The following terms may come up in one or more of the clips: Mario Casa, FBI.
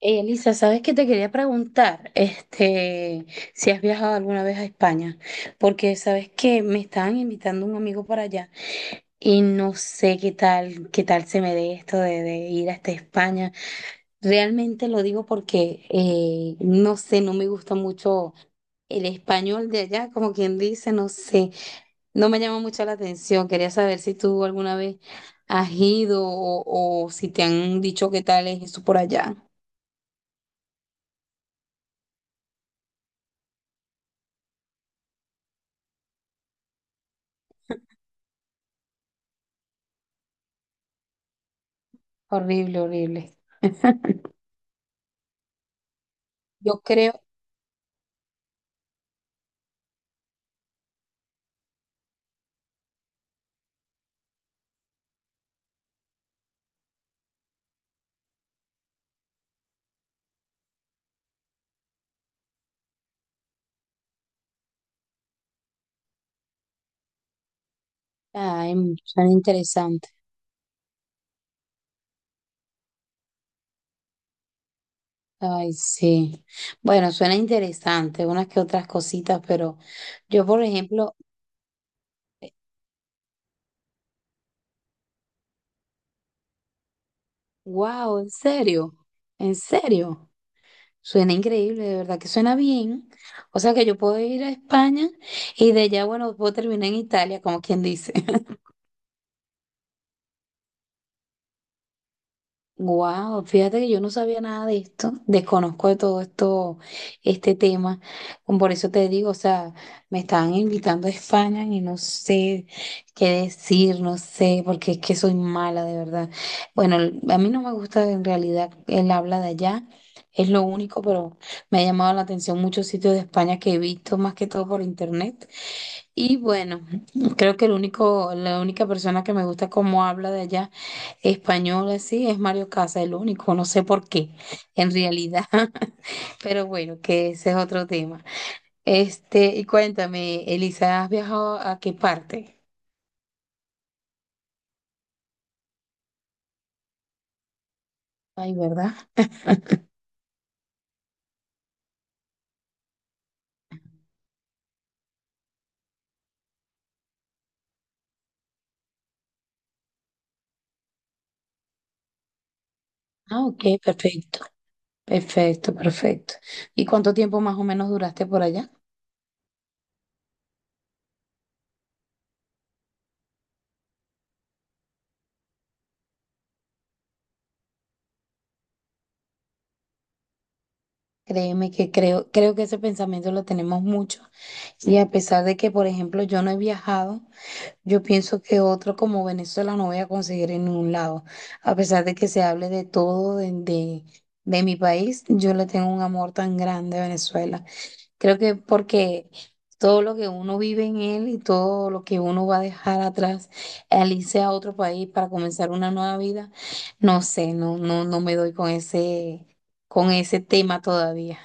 Elisa, ¿sabes qué te quería preguntar? Si has viajado alguna vez a España, porque sabes que me estaban invitando un amigo para allá y no sé qué tal se me dé esto de ir hasta España. Realmente lo digo porque no sé, no me gusta mucho el español de allá, como quien dice, no sé, no me llama mucho la atención. Quería saber si tú alguna vez has ido o si te han dicho qué tal es eso por allá. Horrible, horrible. Yo creo, ay, suena interesante. Ay, sí. Bueno, suena interesante, unas que otras cositas, pero yo, por ejemplo, wow, en serio, en serio. Suena increíble, de verdad que suena bien. O sea que yo puedo ir a España y de allá, bueno, puedo terminar en Italia, como quien dice. Wow, fíjate que yo no sabía nada de esto, desconozco de todo esto, este tema. Como por eso te digo, o sea, me estaban invitando a España y no sé qué decir, no sé, porque es que soy mala de verdad. Bueno, a mí no me gusta en realidad el habla de allá, es lo único, pero me ha llamado la atención muchos sitios de España que he visto más que todo por internet. Y bueno, creo que la única persona que me gusta cómo habla de allá español así es Mario Casa, el único, no sé por qué, en realidad. Pero bueno, que ese es otro tema. Y cuéntame, Elisa, ¿has viajado a qué parte? Ay, ¿verdad? Ah, ok, perfecto, perfecto, perfecto. ¿Y cuánto tiempo más o menos duraste por allá? Créeme que creo que ese pensamiento lo tenemos mucho. Y a pesar de que, por ejemplo, yo no he viajado. Yo pienso que otro como Venezuela no voy a conseguir en ningún lado. A pesar de que se hable de todo de mi país, yo le tengo un amor tan grande a Venezuela. Creo que porque todo lo que uno vive en él y todo lo que uno va a dejar atrás al irse a otro país para comenzar una nueva vida, no sé, no me doy con con ese tema todavía.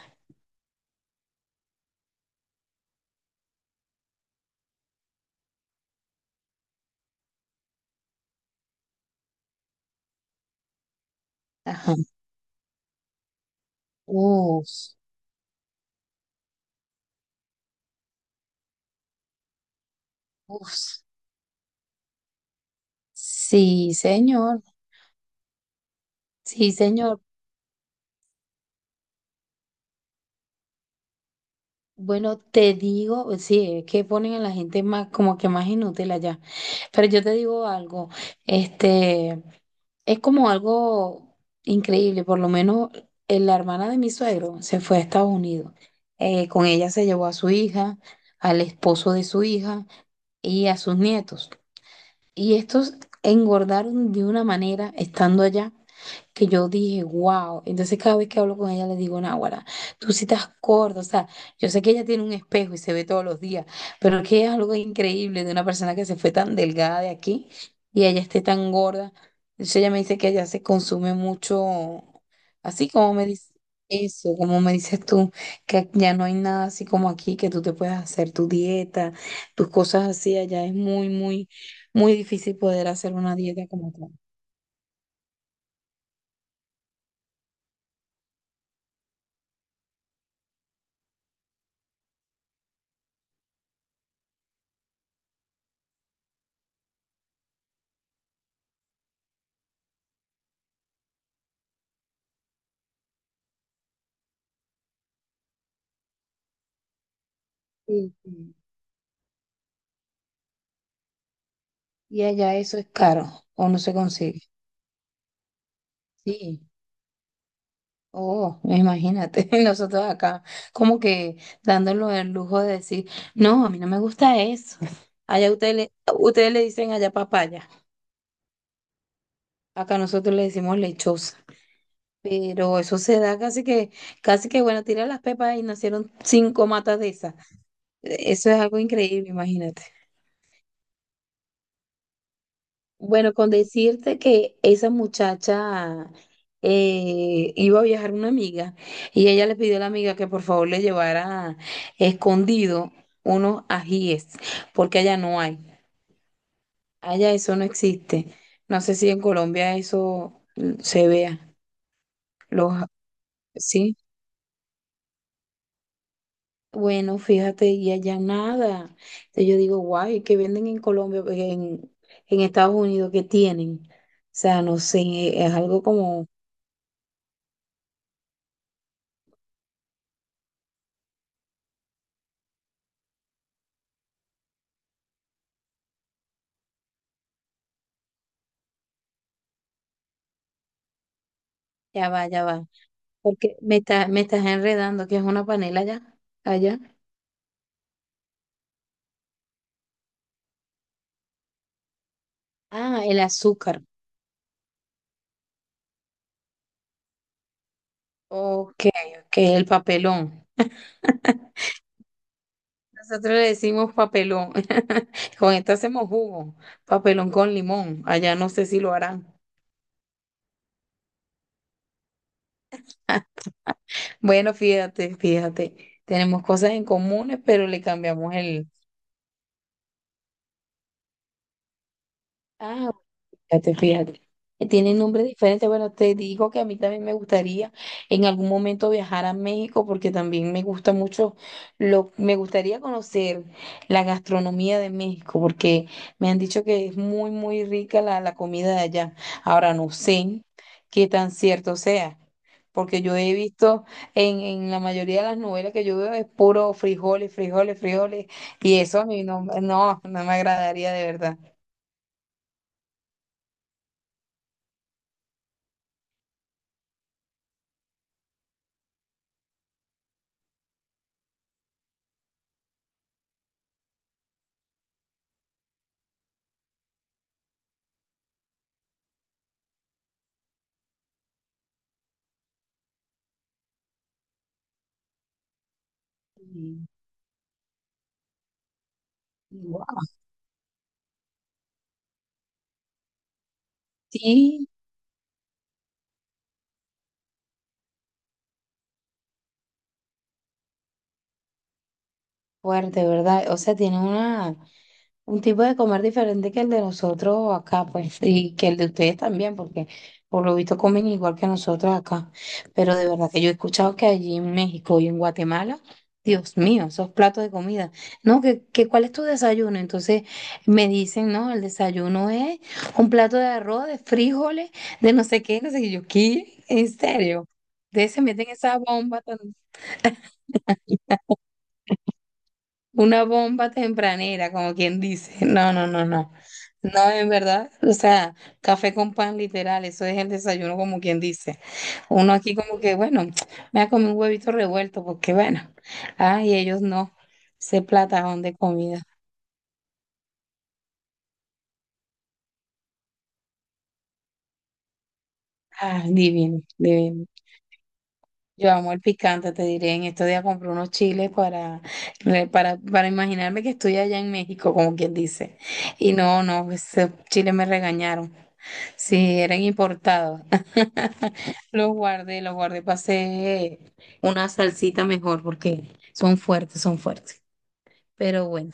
Ajá. Uf, uf. Sí, señor. Sí, señor. Bueno, te digo, pues sí, es que ponen a la gente más, como que más inútil allá. Pero yo te digo algo, este, es como algo increíble, por lo menos la hermana de mi suegro se fue a Estados Unidos. Con ella se llevó a su hija, al esposo de su hija y a sus nietos. Y estos engordaron de una manera estando allá que yo dije, wow. Entonces cada vez que hablo con ella le digo, Náguara, tú sí estás gorda. O sea, yo sé que ella tiene un espejo y se ve todos los días, pero es que es algo increíble de una persona que se fue tan delgada de aquí y ella esté tan gorda. Entonces ella me dice que ella se consume mucho, así como me dice eso, como me dices tú, que ya no hay nada así como aquí, que tú te puedas hacer tu dieta, tus cosas así, allá es muy difícil poder hacer una dieta como tal. Sí, sí. Y allá eso es caro o no se consigue. Sí. Oh, imagínate, nosotros acá como que dándole el lujo de decir, no, a mí no me gusta eso. Allá ustedes le, ustedes le dicen allá papaya, acá nosotros le decimos lechosa. Pero eso se da casi que bueno, tira las pepas y nacieron cinco matas de esas. Eso es algo increíble, imagínate. Bueno, con decirte que esa muchacha iba a viajar una amiga y ella le pidió a la amiga que por favor le llevara escondido unos ajíes, porque allá no hay, allá eso no existe. No sé si en Colombia eso se vea, los, sí. Bueno, fíjate, y allá nada. Entonces yo digo, guay, ¿qué venden en Colombia, en Estados Unidos, qué tienen? O sea, no sé, es algo como, ya va, ya va. Porque me estás enredando, que es una panela allá. Ah, el azúcar. Ok, ok, el papelón. Nosotros le decimos papelón. Con esto hacemos jugo. Papelón con limón. Allá no sé si lo harán. Bueno, fíjate, fíjate. Tenemos cosas en comunes, pero le cambiamos el. Ah, fíjate, fíjate. Tiene nombre diferente. Bueno, te digo que a mí también me gustaría en algún momento viajar a México porque también me gusta mucho, me gustaría conocer la gastronomía de México porque me han dicho que es muy rica la comida de allá. Ahora no sé qué tan cierto sea. Porque yo he visto en la mayoría de las novelas que yo veo es puro frijoles, frijoles, frijoles, y eso a mí no me agradaría de verdad. Sí. Sí, fuerte, ¿verdad? O sea, tiene una, un tipo de comer diferente que el de nosotros acá, pues, y que el de ustedes también, porque por lo visto comen igual que nosotros acá. Pero de verdad que yo he escuchado que allí en México y en Guatemala, Dios mío, esos platos de comida. No, que ¿cuál es tu desayuno? Entonces me dicen, no, el desayuno es un plato de arroz, de frijoles, de no sé qué, no sé qué. Yo, ¿qué? ¿En serio? Ustedes se meten esa bomba tan. Una bomba tempranera, como quien dice. No, no, no, no. No, en verdad, o sea, café con pan literal, eso es el desayuno, como quien dice. Uno aquí como que, bueno, me ha comido un huevito revuelto, porque bueno, ay, ellos no, ese platajón de comida. Ah, divino, divino. Yo amo el picante, te diré, en estos días compré unos chiles para imaginarme que estoy allá en México, como quien dice. Y no, no, esos chiles me regañaron. Sí, eran importados. Los guardé, pasé una salsita mejor porque son fuertes, son fuertes. Pero bueno,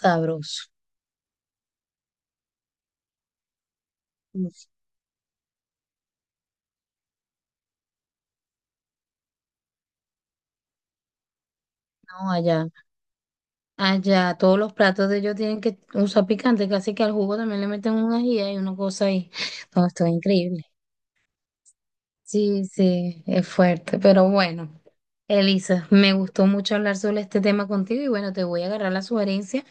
sabroso. Uf, no, allá todos los platos de ellos tienen que usar picante, casi que al jugo también le meten un ají y una cosa ahí. No, esto es increíble. Sí, sí, es fuerte, pero bueno. Elisa, me gustó mucho hablar sobre este tema contigo y bueno, te voy a agarrar la sugerencia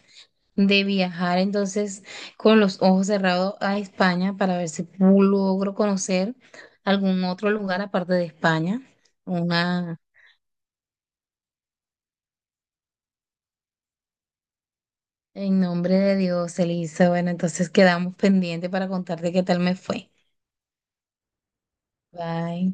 de viajar entonces con los ojos cerrados a España para ver si logro conocer algún otro lugar aparte de España. Una, en nombre de Dios, Elisa. Bueno, entonces quedamos pendientes para contarte qué tal me fue. Bye.